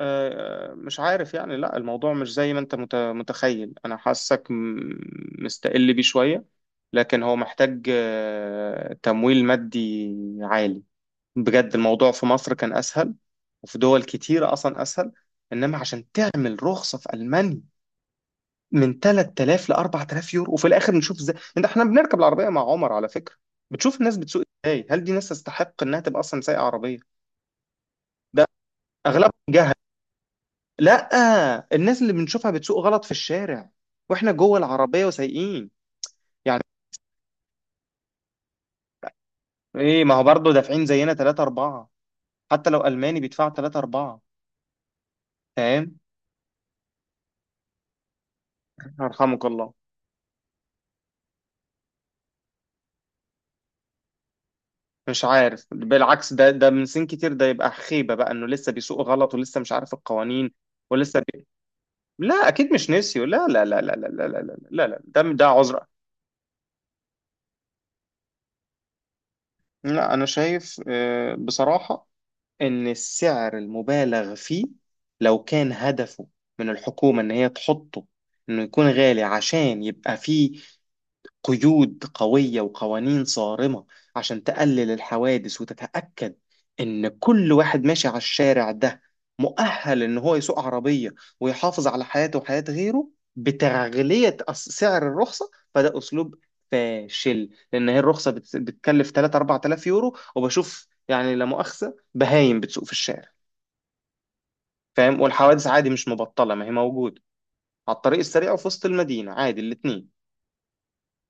مش عارف، يعني لا، الموضوع مش زي ما انت متخيل. انا حاسك مستقل بيه شوية. لكن هو محتاج، تمويل مادي عالي. بجد الموضوع في مصر كان اسهل، وفي دول كتيرة اصلا اسهل. انما عشان تعمل رخصة في المانيا من 3000 ل 4000 يورو. وفي الاخر نشوف ازاي انت، احنا بنركب العربية مع عمر على فكرة، بتشوف الناس بتسوق ازاي، هل دي ناس تستحق انها تبقى اصلا سايقة عربية؟ ده اغلبهم. لا، الناس اللي بنشوفها بتسوق غلط في الشارع واحنا جوه العربية وسايقين، يعني. ايه؟ ما هو برضه دافعين زينا 3 4. حتى لو ألماني بيدفع 3 4، فاهم. يرحمك الله. مش عارف، بالعكس، ده من سن كتير، ده يبقى خيبة بقى انه لسه بيسوق غلط ولسه مش عارف القوانين. ولسه بي... لا، اكيد مش نسيوا. لا لا لا لا لا لا لا لا لا لا لا، ده عذر. لا، انا شايف، بصراحة، إن السعر المبالغ فيه لو كان هدفه من الحكومة إن هي تحطه إنه يكون غالي، عشان يبقى فيه قيود قوية وقوانين صارمة عشان تقلل الحوادث وتتأكد إن كل واحد ماشي على الشارع ده مؤهل إن هو يسوق عربية ويحافظ على حياته وحياة غيره، بتغلية سعر الرخصة، فده أسلوب فاشل. لأن هي الرخصة بتكلف 3 4000 يورو، وبشوف يعني، لا مؤاخذة، بهايم بتسوق في الشارع، فاهم. والحوادث عادي، مش مبطلة، ما هي موجودة، على الطريق السريع وفي وسط المدينة، عادي الاتنين،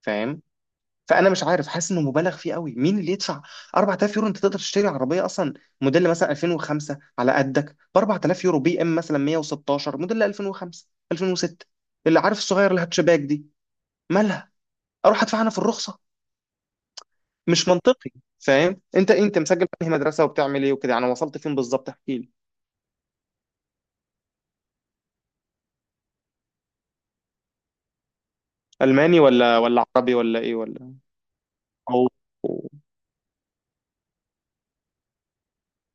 فاهم. فانا مش عارف، حاسس انه مبالغ فيه قوي. مين اللي يدفع 4000 يورو؟ انت تقدر تشتري عربيه اصلا موديل مثلا 2005 على قدك ب 4000 يورو. بي ام مثلا 116 موديل 2005، 2006، اللي عارف، الصغير الهاتشباك دي، مالها؟ اروح ادفع انا في الرخصه؟ مش منطقي، فاهم. انت مسجل في أنهي مدرسه، وبتعمل ايه وكده يعني؟ وصلت فين بالظبط؟ احكي لي. الماني ولا عربي، ولا ايه ولا؟ او.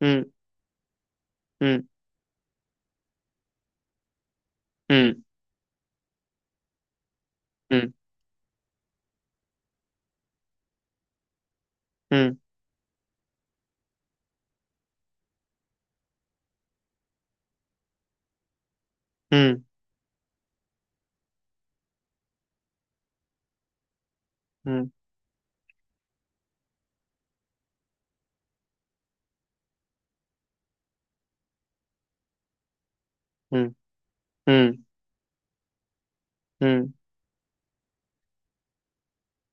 امم. امم. امم. امم. امم. امم. امم. امم.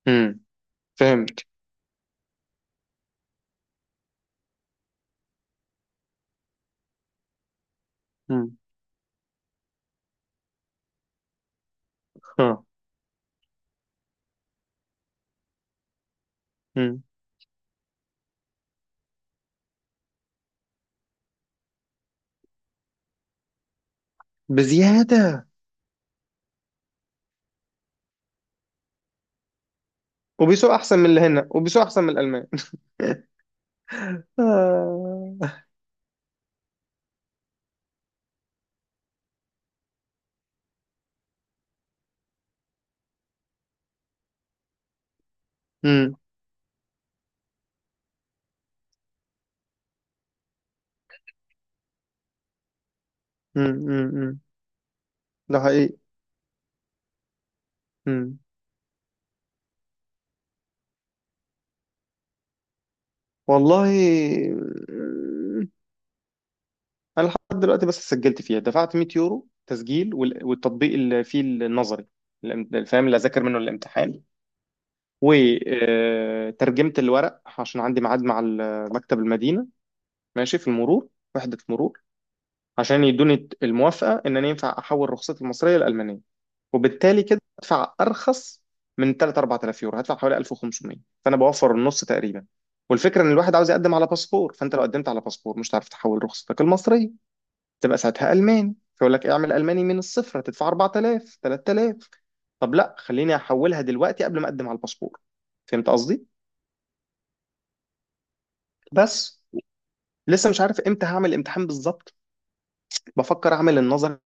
امم. فهمت. ها. مم. بزيادة. وبيسوق أحسن من اللي هنا، وبيسوق أحسن من الألمان. آه. مم. مم. مم. مم. ده حقيقي. مم. والله. مم. أنا لحد دلوقتي بس سجلت فيها، دفعت 100 يورو تسجيل والتطبيق اللي فيه النظري، فاهم، اللي أذاكر منه الامتحان. وترجمت الورق، عشان عندي ميعاد مع مكتب المدينة، ماشي، في المرور، وحدة المرور، عشان يدوني الموافقة إن أنا ينفع أحول رخصتي المصرية لألمانية، وبالتالي كده هدفع ارخص. من 3 4000 يورو هدفع حوالي 1500، فانا بوفر النص تقريبا. والفكره ان الواحد عاوز يقدم على باسبور. فانت لو قدمت على باسبور مش هتعرف تحول رخصتك المصريه، تبقى ساعتها الماني، فيقول لك اعمل الماني من الصفر، هتدفع 4000، 3000. طب لا، خليني احولها دلوقتي قبل ما اقدم على الباسبور. فهمت قصدي؟ بس لسه مش عارف امتى هعمل الامتحان بالظبط. بفكر اعمل النظر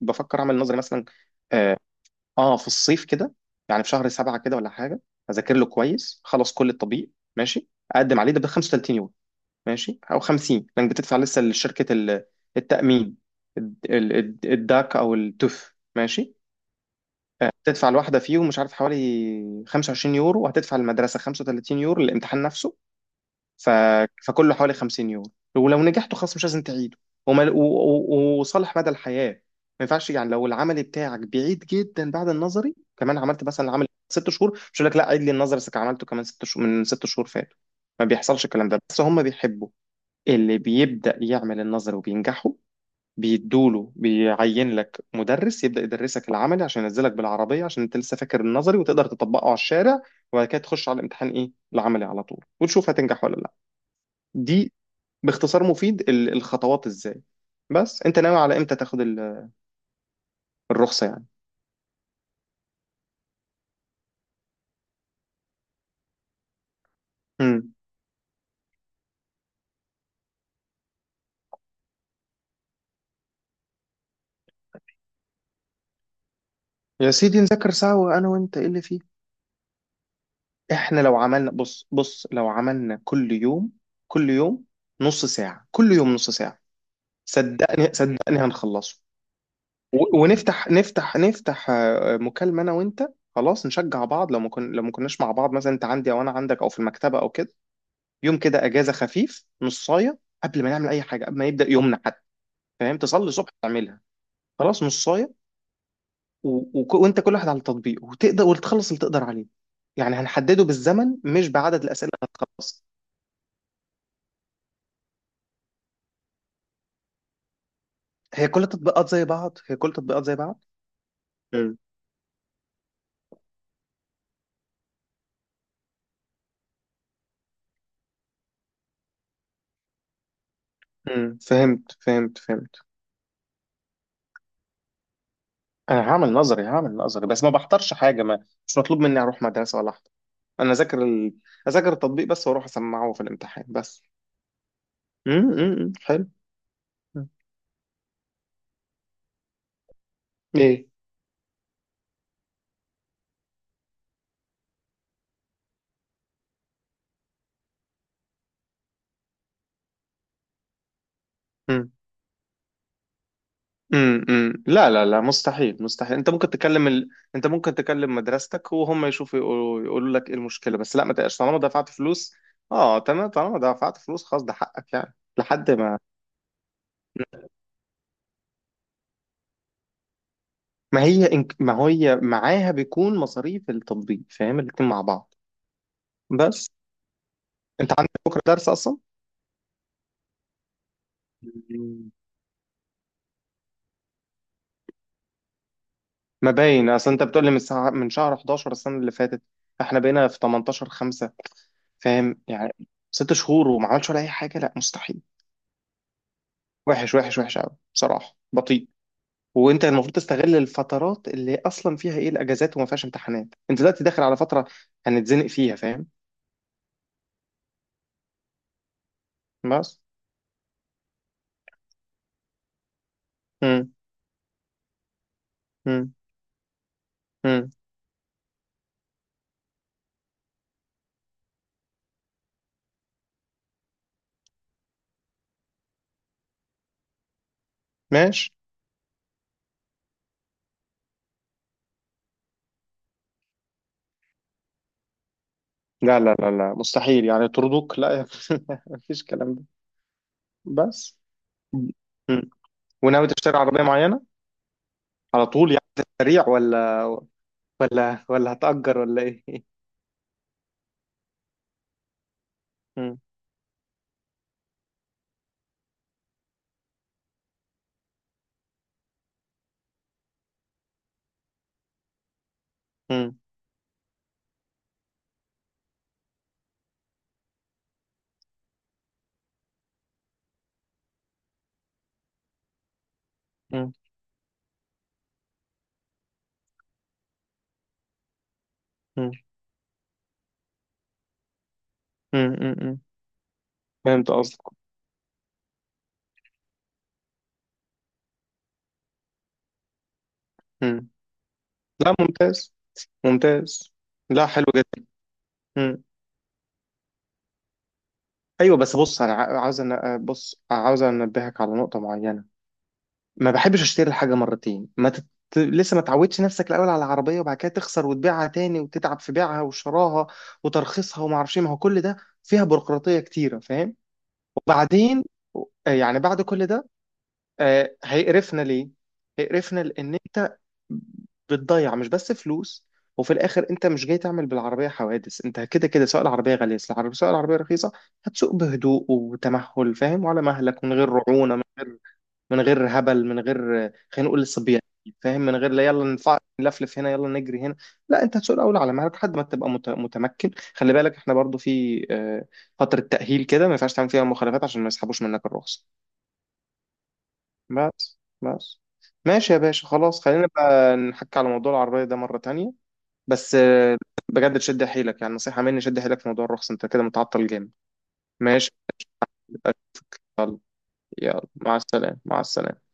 بفكر اعمل النظر مثلا، آه، اه في الصيف كده، يعني في شهر 7 كده، ولا حاجة. أذاكر له كويس خلص، كل الطبيب ماشي، أقدم عليه ده ب 35 يوم، ماشي، أو 50، لأنك بتدفع لسه لشركة التأمين، الداك أو التوف، ماشي. هتدفع الواحدة فيهم مش عارف حوالي 25 يورو، وهتدفع المدرسة 35 يورو للامتحان نفسه. ف... فكله حوالي 50 يورو. ولو نجحته خلاص مش لازم تعيده، وصالح مدى الحياة. ما ينفعش يعني لو العملي بتاعك بعيد جدا بعد النظري، كمان عملت مثلا العملي 6 شهور، مش هيقول لك لا عيد لي النظري بس عملته كمان 6 شهور من 6 شهور فاتوا، ما بيحصلش الكلام ده. بس هم بيحبوا اللي بيبدأ يعمل النظري وبينجحوا بيدوله، بيعين لك مدرس يبدأ يدرسك العملي عشان ينزلك بالعربية، عشان انت لسه فاكر النظري وتقدر تطبقه على الشارع. وبعد كده تخش على الامتحان، ايه، العملي على طول، وتشوف هتنجح ولا لا. دي باختصار مفيد الخطوات ازاي. بس انت ناوي على امتى تاخد الرخصة يعني؟ امم. يا سيدي، نذاكر سوا انا وانت، ايه اللي فيه؟ احنا لو عملنا، بص بص، لو عملنا كل يوم، كل يوم نص ساعة، كل يوم نص ساعة، صدقني صدقني هنخلصه. ونفتح، نفتح، نفتح، مكالمة انا وانت، خلاص نشجع بعض. لو ما كن، لو ما كناش مع بعض، مثلا انت عندي او انا عندك او في المكتبة او كده، يوم كده اجازة خفيف، نصاية قبل ما نعمل اي حاجة، قبل ما يبدأ يومنا حتى، فاهم. تصلي الصبح تعملها، خلاص نصايه، و... وانت، كل واحد على التطبيق، وتقدر وتخلص اللي تقدر عليه. يعني هنحدده بالزمن مش بعدد الاسئله اللي هتخلص. هي كل التطبيقات زي بعض، هي كل التطبيقات زي بعض. مم. امم، فهمت فهمت فهمت. انا هعمل نظري، هعمل نظري، بس ما بحضرش حاجه، ما مش مطلوب مني اروح مدرسه ولا احضر. انا اذاكر اذاكر التطبيق بس، واروح اسمعه في الامتحان بس. امم. أمم، أمم، حلو. أمم. ايه؟ امم. أمم. لا لا لا، مستحيل مستحيل. انت ممكن تكلم مدرستك، وهم يشوفوا يقولوا لك ايه المشكله. بس لا، ما تقلقش طالما دفعت فلوس. اه تمام. طالما دفعت فلوس خلاص، ده حقك يعني، لحد ما. ما هي معاها بيكون مصاريف التطبيق، فاهم، الاتنين مع بعض. بس انت عندك بكره درس اصلا؟ مم. ما باين، اصل انت بتقول لي من شهر 11 السنه اللي فاتت، احنا بقينا في 18 5، فاهم يعني، 6 شهور وما عملش ولا اي حاجه، لا مستحيل. وحش وحش وحش قوي بصراحه، بطيء. وانت المفروض تستغل الفترات اللي اصلا فيها ايه، الاجازات وما فيهاش امتحانات. انت دلوقتي داخل على فتره هنتزنق فيها، فاهم. بس. امم. امم. امم. ماشي. لا لا لا لا، مستحيل، يعني طردوك، لا يا مفيش الكلام ده. بس. مم. وناوي تشتري عربيه معينه على طول يعني، سريع، ولا هتأجر، ولا ايه؟ مم. مم. مم. مم. مم. مم. فهمت قصدك. مم. لا، ممتاز ممتاز. لا، حلو جدا. مم. ايوه. بس بص، انا ع- عاوز أن... بص عاوز انبهك على نقطه معينه. ما بحبش اشتري الحاجه مرتين، ما تت... لسه ما تعودش نفسك الاول على العربيه، وبعد كده تخسر وتبيعها تاني وتتعب في بيعها وشراها وترخيصها، وما اعرفش إيه. ما هو كل ده فيها بيروقراطيه كتيره، فاهم. وبعدين، يعني بعد كل ده، هيقرفنا ليه؟ هيقرفنا لأن أنت بتضيع مش بس فلوس. وفي الآخر أنت مش جاي تعمل بالعربية حوادث. أنت كده كده، سواء العربية غالية، سواء العربية رخيصة، هتسوق بهدوء وتمهل، فاهم، وعلى مهلك، من غير رعونة، من غير هبل، من غير خلينا نقول صبيان، فاهم. من غير، لا يلا، نلفلف هنا، يلا نجري هنا، لا. انت هتسوق الاول على مهلك لحد ما تبقى متمكن. خلي بالك احنا برضو في فتره تاهيل كده، ما ينفعش تعمل فيها مخالفات عشان ما يسحبوش منك الرخصه. بس بس. ماشي يا باشا، خلاص، خلينا بقى نحكي على موضوع العربية ده مرة تانية. بس بجد، شد حيلك يعني، نصيحة مني، شد حيلك في موضوع الرخص، انت كده متعطل جامد. ماشي. يلا مع السلامة، مع السلامة.